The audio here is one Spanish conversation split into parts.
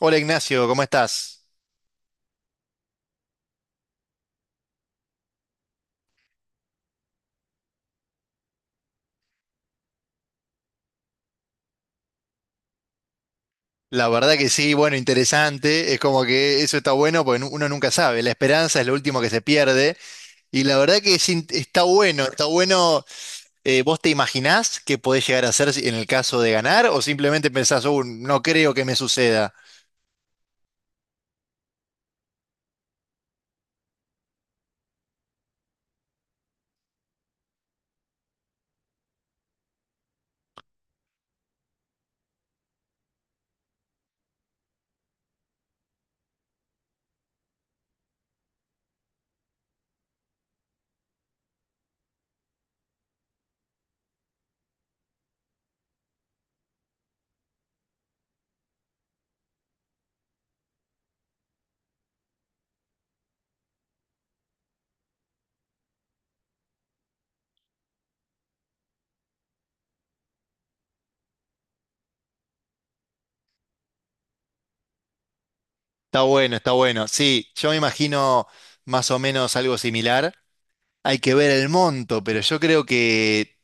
Hola Ignacio, ¿cómo estás? La verdad que sí, bueno, interesante. Es como que eso está bueno porque uno nunca sabe. La esperanza es lo último que se pierde. Y la verdad que está bueno, está bueno. ¿Vos te imaginás qué podés llegar a hacer en el caso de ganar? ¿O simplemente pensás, no creo que me suceda"? Está bueno, está bueno. Sí, yo me imagino más o menos algo similar. Hay que ver el monto, pero yo creo que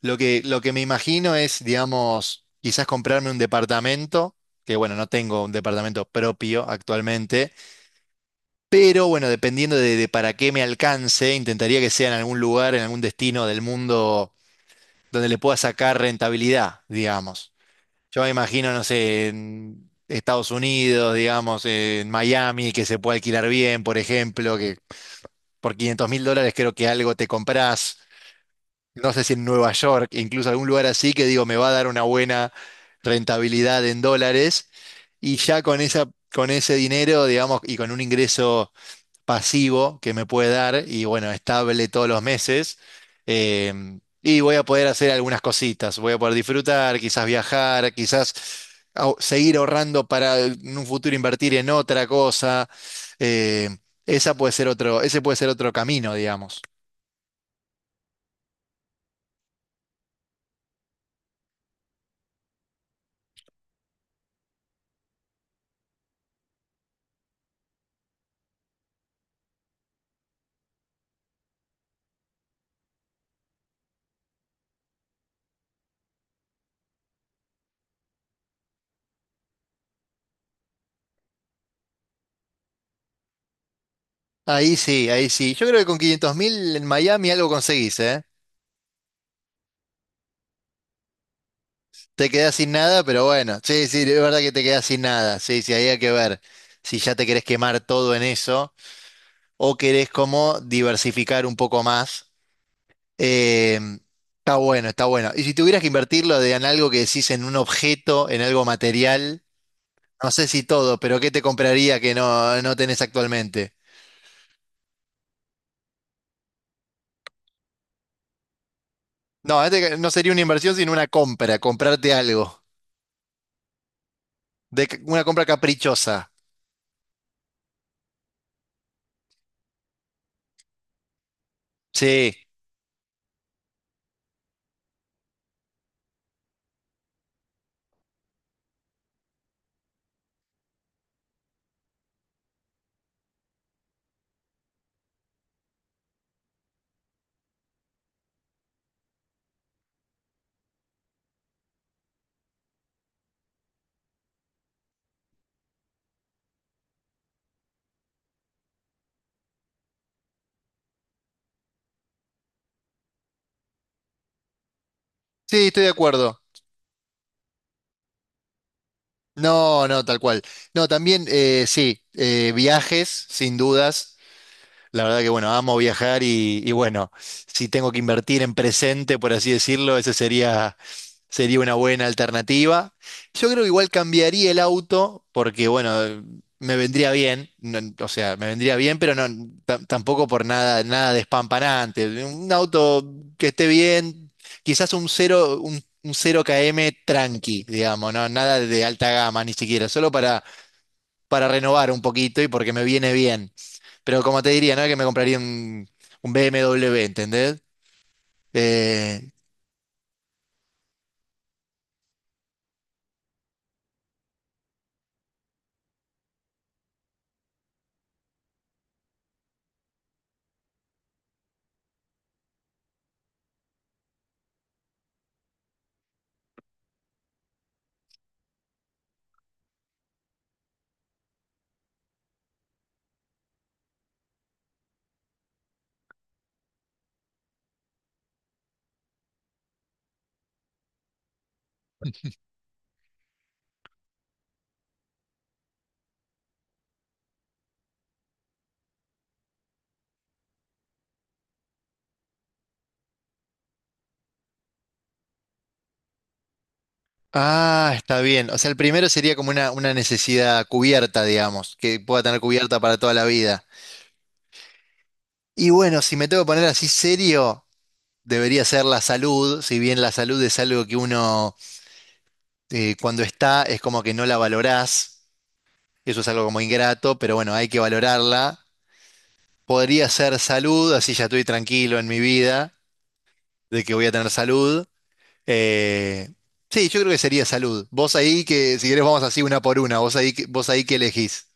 lo que me imagino es, digamos, quizás comprarme un departamento, que bueno, no tengo un departamento propio actualmente, pero bueno, dependiendo de para qué me alcance, intentaría que sea en algún lugar, en algún destino del mundo donde le pueda sacar rentabilidad, digamos. Yo me imagino, no sé, en Estados Unidos, digamos, en Miami, que se puede alquilar bien, por ejemplo, que por 500 mil dólares creo que algo te comprás. No sé si en Nueva York, incluso algún lugar así que digo, me va a dar una buena rentabilidad en dólares. Y ya con esa, con ese dinero, digamos, y con un ingreso pasivo que me puede dar, y bueno, estable todos los meses, y voy a poder hacer algunas cositas, voy a poder disfrutar, quizás viajar, quizás seguir ahorrando para en un futuro invertir en otra cosa. em, Esa puede ser ese puede ser otro camino, digamos. Ahí sí, ahí sí. Yo creo que con 500,000 en Miami algo conseguís, ¿eh? Te quedás sin nada, pero bueno, sí, sí, es verdad que te quedás sin nada. Sí, sí, ahí hay que ver si ya te querés quemar todo en eso o querés como diversificar un poco más. Eh, está bueno, está bueno. Y si tuvieras que invertirlo en algo que decís en un objeto, en algo material, no sé si todo, pero ¿qué te compraría que no tenés actualmente? No, este no sería una inversión, sino una compra, comprarte algo. De, una compra caprichosa. Sí. Sí, estoy de acuerdo. No, no, tal cual. No, también, sí, viajes, sin dudas. La verdad que bueno, amo viajar y bueno, si tengo que invertir en presente, por así decirlo, esa sería, sería una buena alternativa. Yo creo que igual cambiaría el auto porque bueno, me vendría bien, o sea, me vendría bien, pero no tampoco por nada, nada despampanante. Un auto que esté bien, quizás un 0 km tranqui, digamos, no, nada de alta gama ni siquiera, solo para renovar un poquito y porque me viene bien. Pero como te diría, no es que me compraría un BMW, ¿entendés? Eh, ah, está bien. O sea, el primero sería como una necesidad cubierta, digamos, que pueda tener cubierta para toda la vida. Y bueno, si me tengo que poner así serio, debería ser la salud, si bien la salud es algo que uno cuando está es como que no la valorás. Eso es algo como ingrato, pero bueno, hay que valorarla. Podría ser salud, así ya estoy tranquilo en mi vida de que voy a tener salud. Eh, sí, yo creo que sería salud. Vos ahí que, si querés, vamos así una por una. Vos ahí, vos ahí que elegís.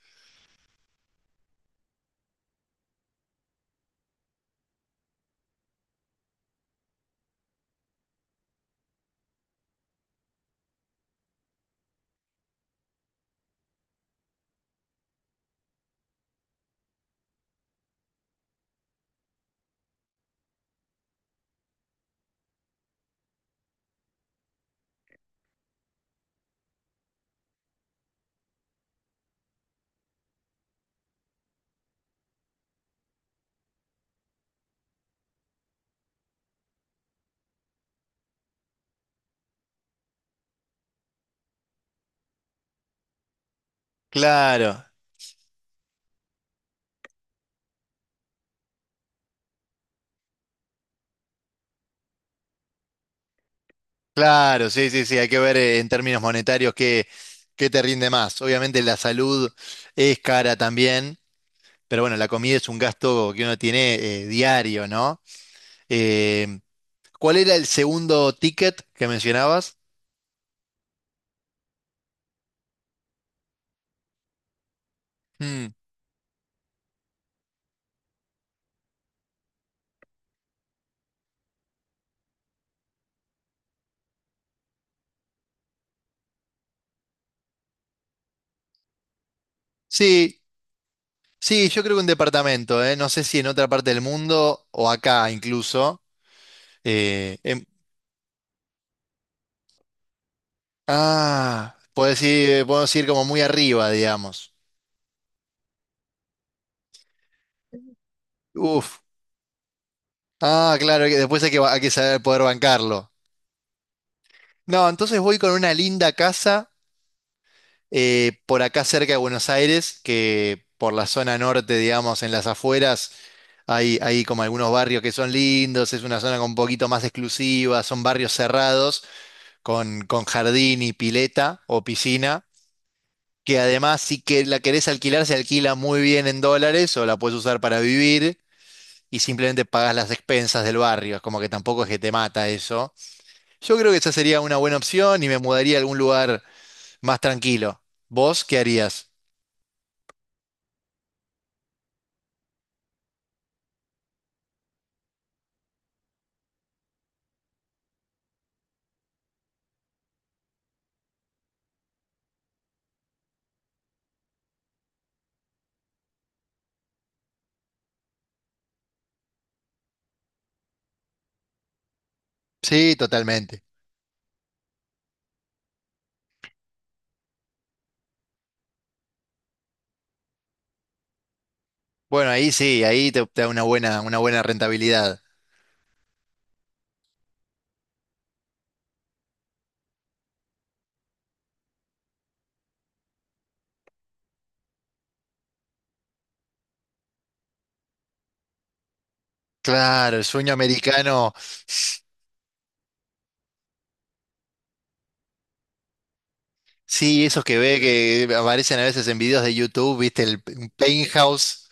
Claro, claro, sí, sí, sí. Hay que ver en términos monetarios qué, qué te rinde más. Obviamente la salud es cara también, pero bueno, la comida es un gasto que uno tiene diario, ¿no? Eh, ¿Cuál era el segundo ticket que mencionabas? Mm. Sí, sí, yo creo que un departamento, ¿eh? No sé si en otra parte del mundo o acá incluso. Eh, em- Ah, puedes ir, podemos ir como muy arriba, digamos. Uf. Ah, claro, que después hay que, hay que saber poder bancarlo. No, entonces voy con una linda casa por acá cerca de Buenos Aires, que por la zona norte, digamos, en las afueras, hay como algunos barrios que son lindos, es una zona con un poquito más exclusiva, son barrios cerrados, con jardín y pileta o piscina, que además si que la querés alquilar, se alquila muy bien en dólares o la puedes usar para vivir. Y simplemente pagas las expensas del barrio. Es como que tampoco es que te mata eso. Yo creo que esa sería una buena opción y me mudaría a algún lugar más tranquilo. ¿Vos qué harías? Sí, totalmente. Bueno, ahí sí, ahí te, te da una buena rentabilidad. Claro, el sueño americano, sí, esos que ve que aparecen a veces en videos de YouTube, viste, un penthouse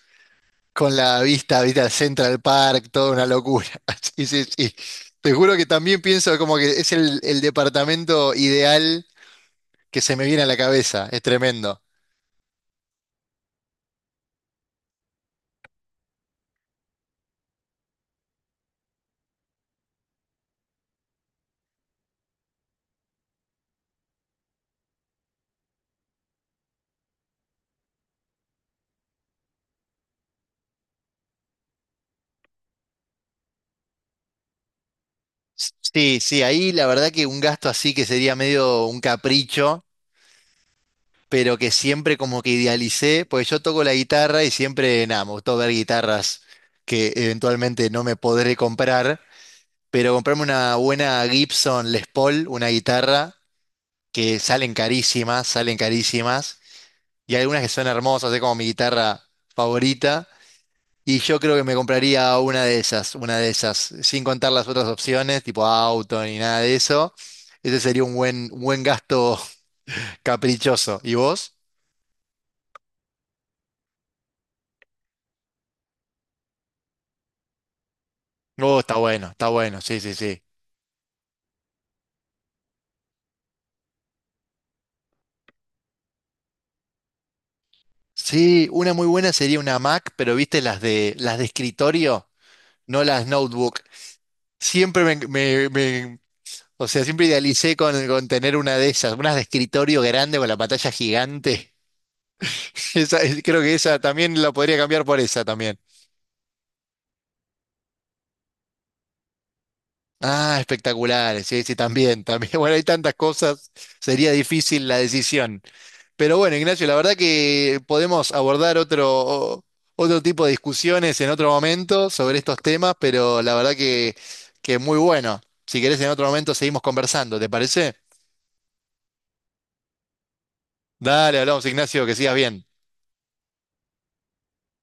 con la vista, viste, al Central Park, toda una locura. Sí, sí, sí. Te juro que también pienso como que es el departamento ideal que se me viene a la cabeza, es tremendo. Sí, sí, ahí la verdad que un gasto así que sería medio un capricho, pero que siempre como que idealicé, pues yo toco la guitarra y siempre, nada, me gustó ver guitarras que eventualmente no me podré comprar, pero comprarme una buena Gibson Les Paul, una guitarra que salen carísimas, y algunas que son hermosas, es como mi guitarra favorita. Y yo creo que me compraría una de esas, sin contar las otras opciones, tipo auto ni nada de eso. Ese sería un buen gasto caprichoso. ¿Y vos? Oh, está bueno, sí, sí, sí. Sí, una muy buena sería una Mac, pero viste las de escritorio, no las notebook. Siempre o sea, siempre idealicé con tener una de esas, unas de escritorio grande con la pantalla gigante. Esa, creo que esa también la podría cambiar por esa también. Ah, espectaculares, sí, sí, también, también. Bueno, hay tantas cosas, sería difícil la decisión. Pero bueno, Ignacio, la verdad que podemos abordar otro, otro tipo de discusiones en otro momento sobre estos temas, pero la verdad que muy bueno. Si querés, en otro momento seguimos conversando, ¿te parece? Dale, hablamos, Ignacio, que sigas bien.